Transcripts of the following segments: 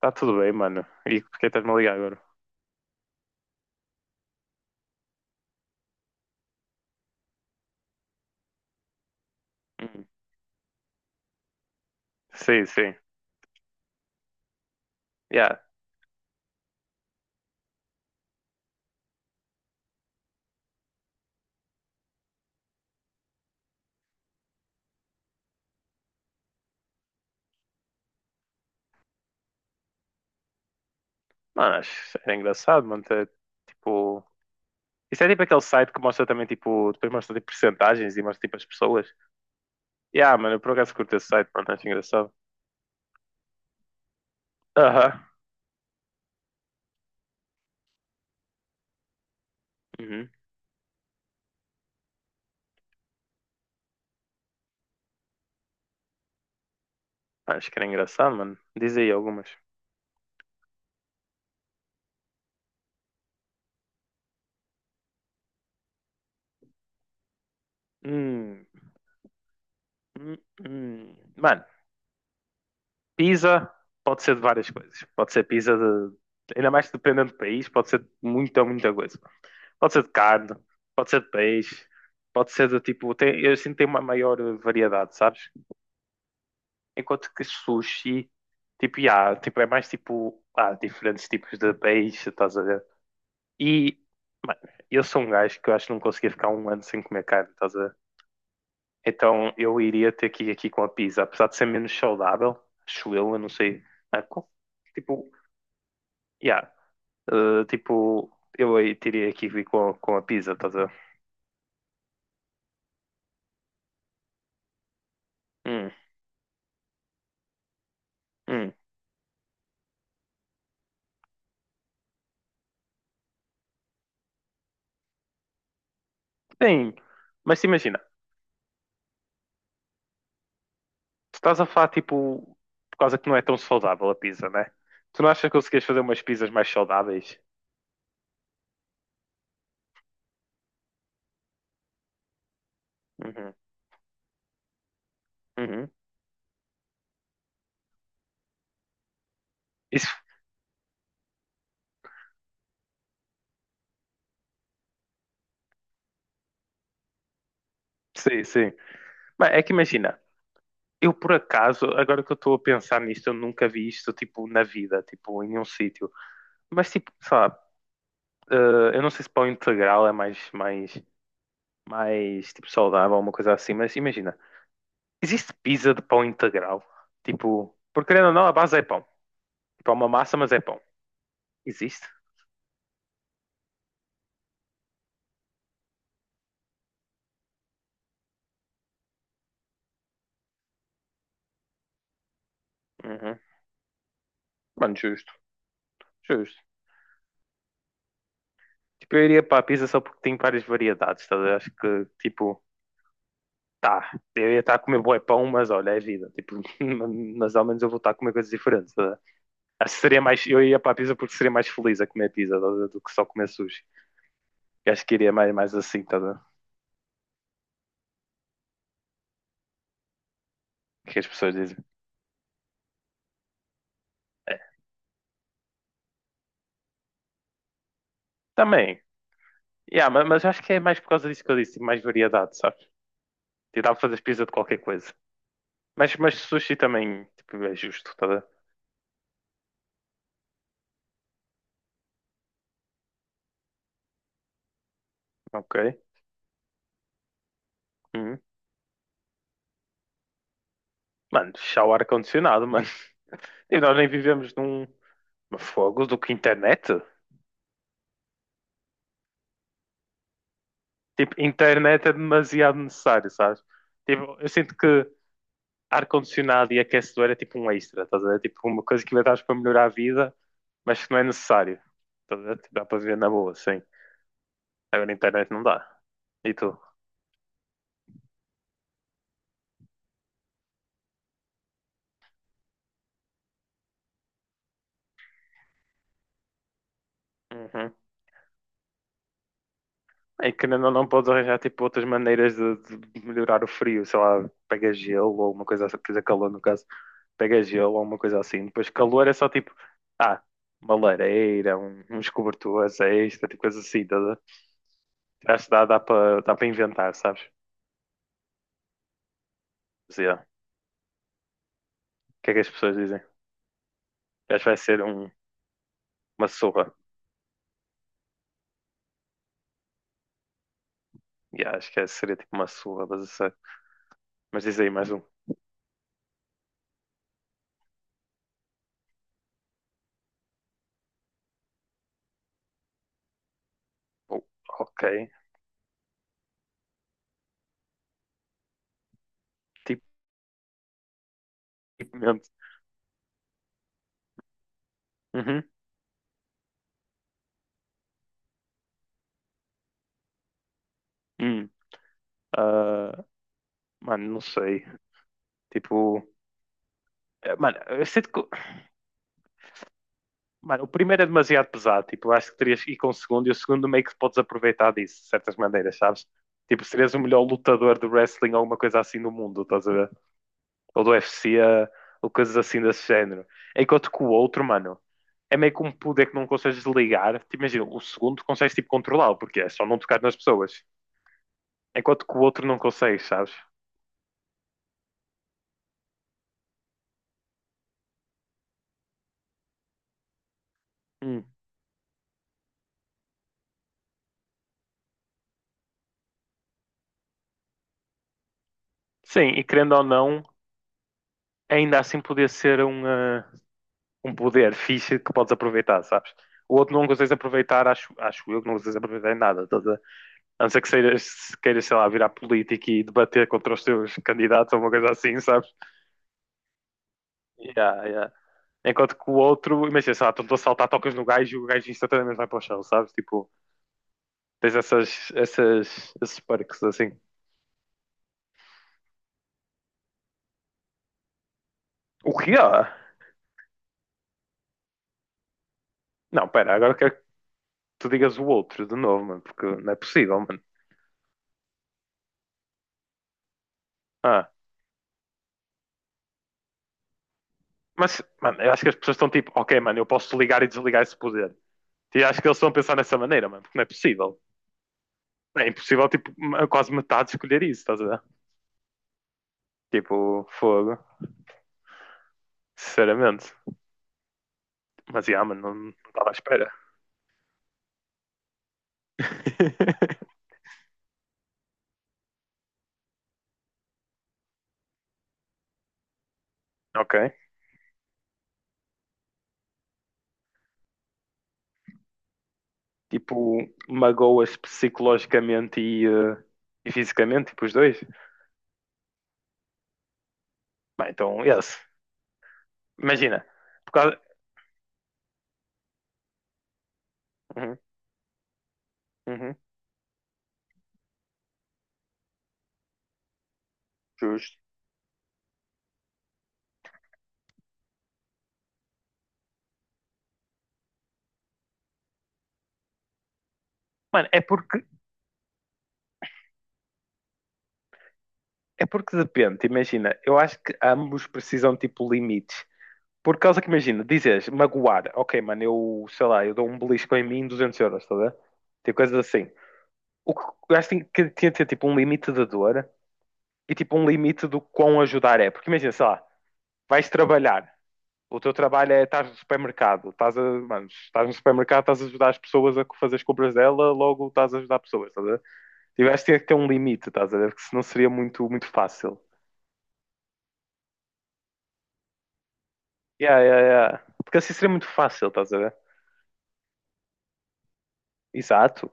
Tá tudo bem, mano. E por que estás-me a ligar agora? Hum. Sim, sim. Yeah. Mano, era engraçado, mano. Ter, tipo... Isso é tipo aquele site que mostra também, tipo... Depois mostra, tipo, percentagens e mostra, tipo, as pessoas. Yeah, mano, eu por acaso curto esse site, mano. Acho engraçado. Aham. Uhum. Acho que era engraçado, mano. Diz aí algumas. Hum. Hum, hum. Mano, pizza pode ser de várias coisas. Pode ser pizza de... Ainda mais dependendo do país, pode ser de muita, muita coisa. Pode ser de carne, pode ser de peixe, pode ser de tipo. Tem, eu sinto que tem uma maior variedade, sabes? Enquanto que sushi, tipo, yeah, tipo, é mais tipo. Há diferentes tipos de peixe, estás a ver? E, mano, eu sou um gajo que eu acho que não conseguia ficar um ano sem comer carne, estás a ver? Então eu iria ter que ir aqui com a pizza, apesar de ser menos saudável, acho eu não sei. Ah, tipo, yeah, tipo, eu aí teria que vir com a pizza, estás a ver? Hum, hum. Sim, mas se imagina, tu estás a falar tipo, por causa que não é tão saudável a pizza, né? Tu não achas que conseguias fazer umas pizzas mais saudáveis? Uhum, uhum. Isso, sim, sim. Mas é que imagina, eu por acaso, agora que eu estou a pensar nisto, eu nunca vi isto tipo na vida, tipo em nenhum sítio. Mas tipo, sei lá, eh, eu não sei se pão integral é mais tipo saudável, uma coisa assim, mas imagina, existe pizza de pão integral? Tipo, porque querendo ou não, a base é pão. Tipo, é uma massa, mas é pão. Existe? Uhum. Mano, justo, justo. Tipo, eu iria para a pizza só porque tem várias variedades, tá a ver? Acho que, tipo, tá, eu ia estar a comer bué pão, mas olha, é vida. Tipo, mas ao menos eu vou estar a comer coisas diferentes, tá a ver? Acho que seria mais, eu ia para a pizza porque seria mais feliz a comer pizza tá a ver? Do que só comer sushi. Eu acho que iria mais, mais assim, tá a ver? O que as pessoas dizem. É. Também, yeah, mas, acho que é mais por causa disso que eu disse, tipo, mais variedade, sabes? Tipo, dá para fazer pizza de qualquer coisa. Mas sushi também, tipo, é justo, tá a ver? Ok. Uhum. Mano, fechar o ar-condicionado, mano. E nós nem vivemos num fogo do que internet. Tipo, internet é demasiado necessário, sabes? Tipo, eu sinto que ar-condicionado e aquecedor é tipo um extra, estás a ver? Tipo, uma coisa que inventaste para melhorar a vida, mas que não é necessário. Estás a ver? Tipo, dá para viver na boa, sim. Agora, internet não dá. E tu? Uhum. É que não, não podes arranjar tipo, outras maneiras de melhorar o frio, sei lá, pega gelo ou uma coisa assim, precisa calor no caso, pega gelo ou uma coisa assim. Depois calor é só tipo, ah, uma lareira, uns cobertores extra, tipo coisa assim, tá? Acho que dá para inventar, sabes? Mas, yeah, o que é que as pessoas dizem? Acho que vai ser uma surra. Yeah, acho que seria tipo uma surra, mas, eu sei. Mas diz aí mais um. Oh, ok, tipicamente. Uhum. Hum. Ah, mano, não sei. Tipo. Mano, eu sinto que. Mano, o primeiro é demasiado pesado. Tipo, eu acho que terias que ir com o segundo e o segundo meio que podes aproveitar disso, de certas maneiras, sabes? Tipo, serias o melhor lutador de wrestling ou alguma coisa assim no mundo, estás a ver? Ou do UFC, ou coisas assim desse género. Enquanto que o outro, mano, é meio que um poder que não consegues ligar. Tipo, imagina, o segundo consegues tipo controlá-lo, porque é só não tocar nas pessoas. Enquanto que o outro não consegues, sabes? Hum. Sim, e querendo ou não, ainda assim podia ser um poder fixe que podes aproveitar, sabes? O outro não consegues aproveitar, acho eu que não consegues aproveitar em nada. Toda a não ser que seiras, se queiras, sei lá, virar político e debater contra os teus candidatos ou uma coisa assim, sabes? Yeah, yeah. Enquanto que o outro, imagina, sei lá, estou a saltar, tocas no gajo e o gajo instantaneamente vai para o chão, sabes? Tipo, tens esses perks assim. O que é? Não, pera, agora quero que tu digas o outro de novo, mano, porque não é possível, mano. Ah, mas, mano, eu acho que as pessoas estão tipo, ok, mano, eu posso ligar e desligar esse poder. E acho que eles estão a pensar nessa maneira, mano. Não é possível. É impossível, tipo, quase metade escolher isso, estás a ver? Tipo, fogo. Sinceramente. Mas, yeah, mano, não estava à espera. Ok. Tipo, magoas psicologicamente e fisicamente, tipo, os dois. Bem, então, yes. Imagina. Por causa... Uhum, uhum, justo. Mano, é porque depende. Imagina, eu acho que ambos precisam, tipo, limites. Por causa que imagina, dizes magoar, ok, mano, eu sei lá, eu dou um belisco em mim 200 euros, estás a ver? Tipo coisas assim. O que o gajo que tinha que ter tipo um limite da dor e tipo um limite do quão ajudar é. Porque imagina, sei lá, vais trabalhar, o teu trabalho é estás no supermercado, estás a, mano, estás no supermercado, estás a ajudar as pessoas a fazer as compras dela, logo estás a ajudar pessoas, estás a ver? Tipo, o gajo tinha que ter um limite, estás a ver? Porque senão seria muito, muito fácil. Yeah. Porque assim seria muito fácil, estás a ver? Exato.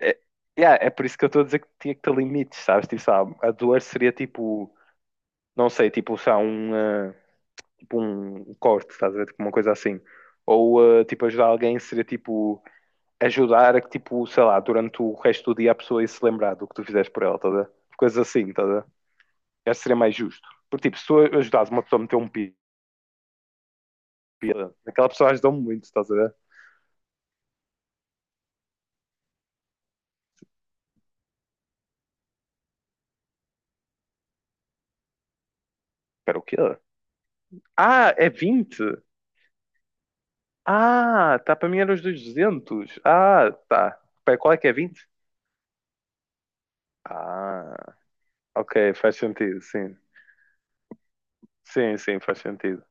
É, yeah, é por isso que eu estou a dizer que tinha que ter limites, sabes? Tipo, sabe, a dor seria tipo, não sei, tipo, sei lá, tipo um corte, estás a ver? Tipo, uma coisa assim. Ou tipo, ajudar alguém seria tipo, ajudar a que, tipo, sei lá, durante o resto do dia a pessoa ia se lembrar do que tu fizeste por ela, estás a ver? Coisas assim, estás a ver? Acho que seria mais justo. Porque, tipo, se tu ajudares uma pessoa a meter pi- aquela pessoa ajudou-me muito, estás a ver? Espera, o quê? Ah, é vinte. Ah, tá, para mim era os 200. Ah, tá. Pera, qual é que é vinte. Ah, ok, faz sentido, sim. Sim, sim, faz sentido.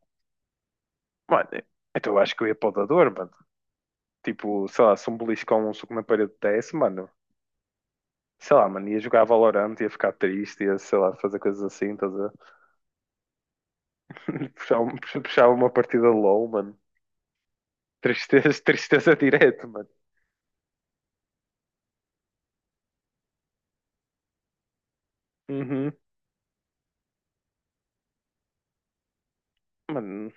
Mano, então eu acho que eu ia para o dador, mano. Tipo, sei lá, se um beliscão, um soco na parede desse, mano. Sei lá, mano, ia jogar Valorant, ia ficar triste, ia, sei lá, fazer coisas assim, estás a ver? Puxava, puxava uma partida low, mano. Tristeza, tristeza direto, mano. Uhum, mano.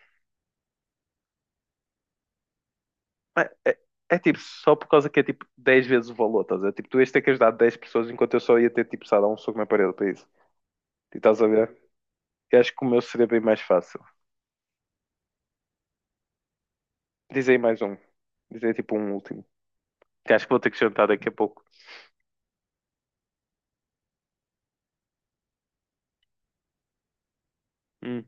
É, é- é tipo, só por causa que é tipo 10 vezes o valor, estás a ver? Tipo, tu ias ter que ajudar dez pessoas enquanto eu só ia ter tipo, sei lá, um soco na parede para isso. E estás a ver? Eu acho que o meu seria bem mais fácil. Diz mais um. Diz tipo um último. Que acho que vou ter que jantar daqui a pouco. Hum,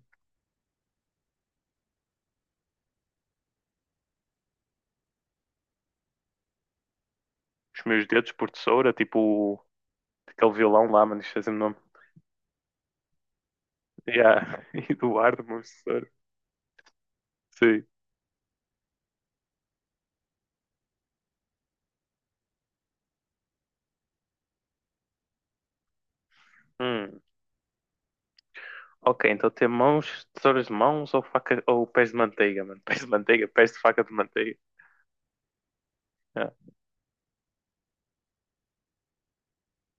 os meus dedos por tesoura, tipo aquele violão lá, mano, esqueci o nome. Yeah. Eduardo, meu tesouro. Sim. Hum, ok, então ter mãos, tesouras de mãos ou faca ou pés de manteiga, mano. Pés de manteiga, pés de faca de manteiga. Yeah.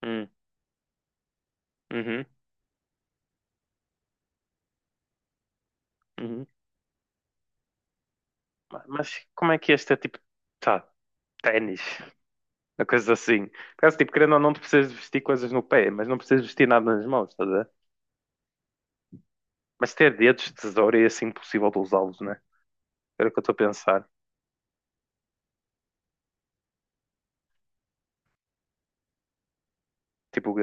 Hum, uhum, uhum. Mas como é que este é tipo, tá, ténis, uma coisa assim. Caso tipo, querendo ou não, tu precisas de vestir coisas no pé, mas não precisas vestir nada nas mãos, estás a ver? Mas ter dedos de tesoura é assim impossível de usá-los, né? Era o que eu estou a pensar. Tipo, o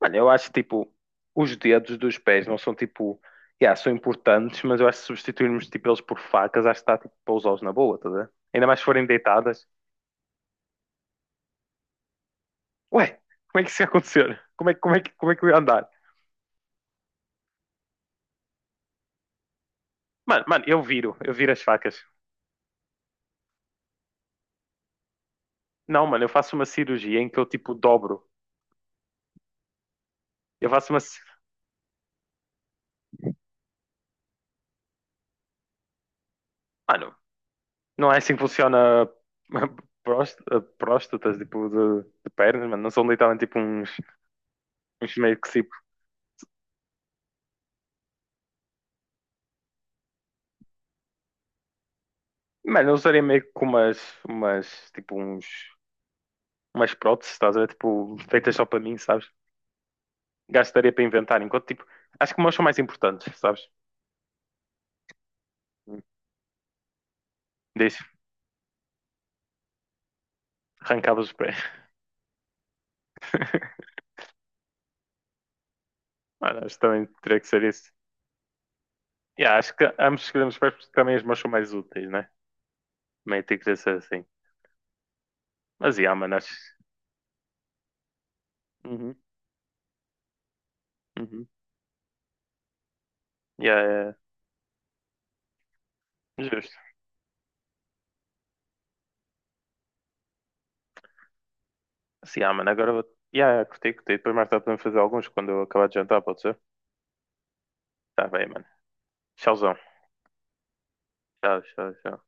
mano, eu acho que tipo, os dedos dos pés não são tipo, yeah, são importantes, mas eu acho que se substituirmos tipo eles por facas, acho que está tipo para usá-los na boa, tá a ver? Ainda mais se forem deitadas. Ué, como é que isso ia acontecer? Como é que eu ia andar? Mano, mano, eu viro as facas. Não, mano, eu faço uma cirurgia em que eu tipo dobro. Eu faço uma. Mano, não é assim que funciona próst- próstatas, tipo, de pernas, mano. Não são literalmente tipo uns. Uns meio que tipo. Mano, eu usaria meio que com umas, umas tipo uns umas próteses, estás a ver? Tipo, feitas só para mim, sabes? Gastaria para inventar, enquanto tipo, acho que meus são mais importantes, sabes? Deixa, arrancava os pés. Mano, acho que também teria que ser isso. Yeah, acho que ambos escolhemos os pés porque também os meus são mais úteis, né? Também tem que ser assim. Mas yeah, mano, acho. Uhum, uhum. Yeah, é justo. Assim, ah, mano, agora vou. Yeah, curti, curti. Depois mais tarde podemos fazer alguns quando eu acabar de jantar, pode ser? Tá bem, mano. Tchauzão. Tchau.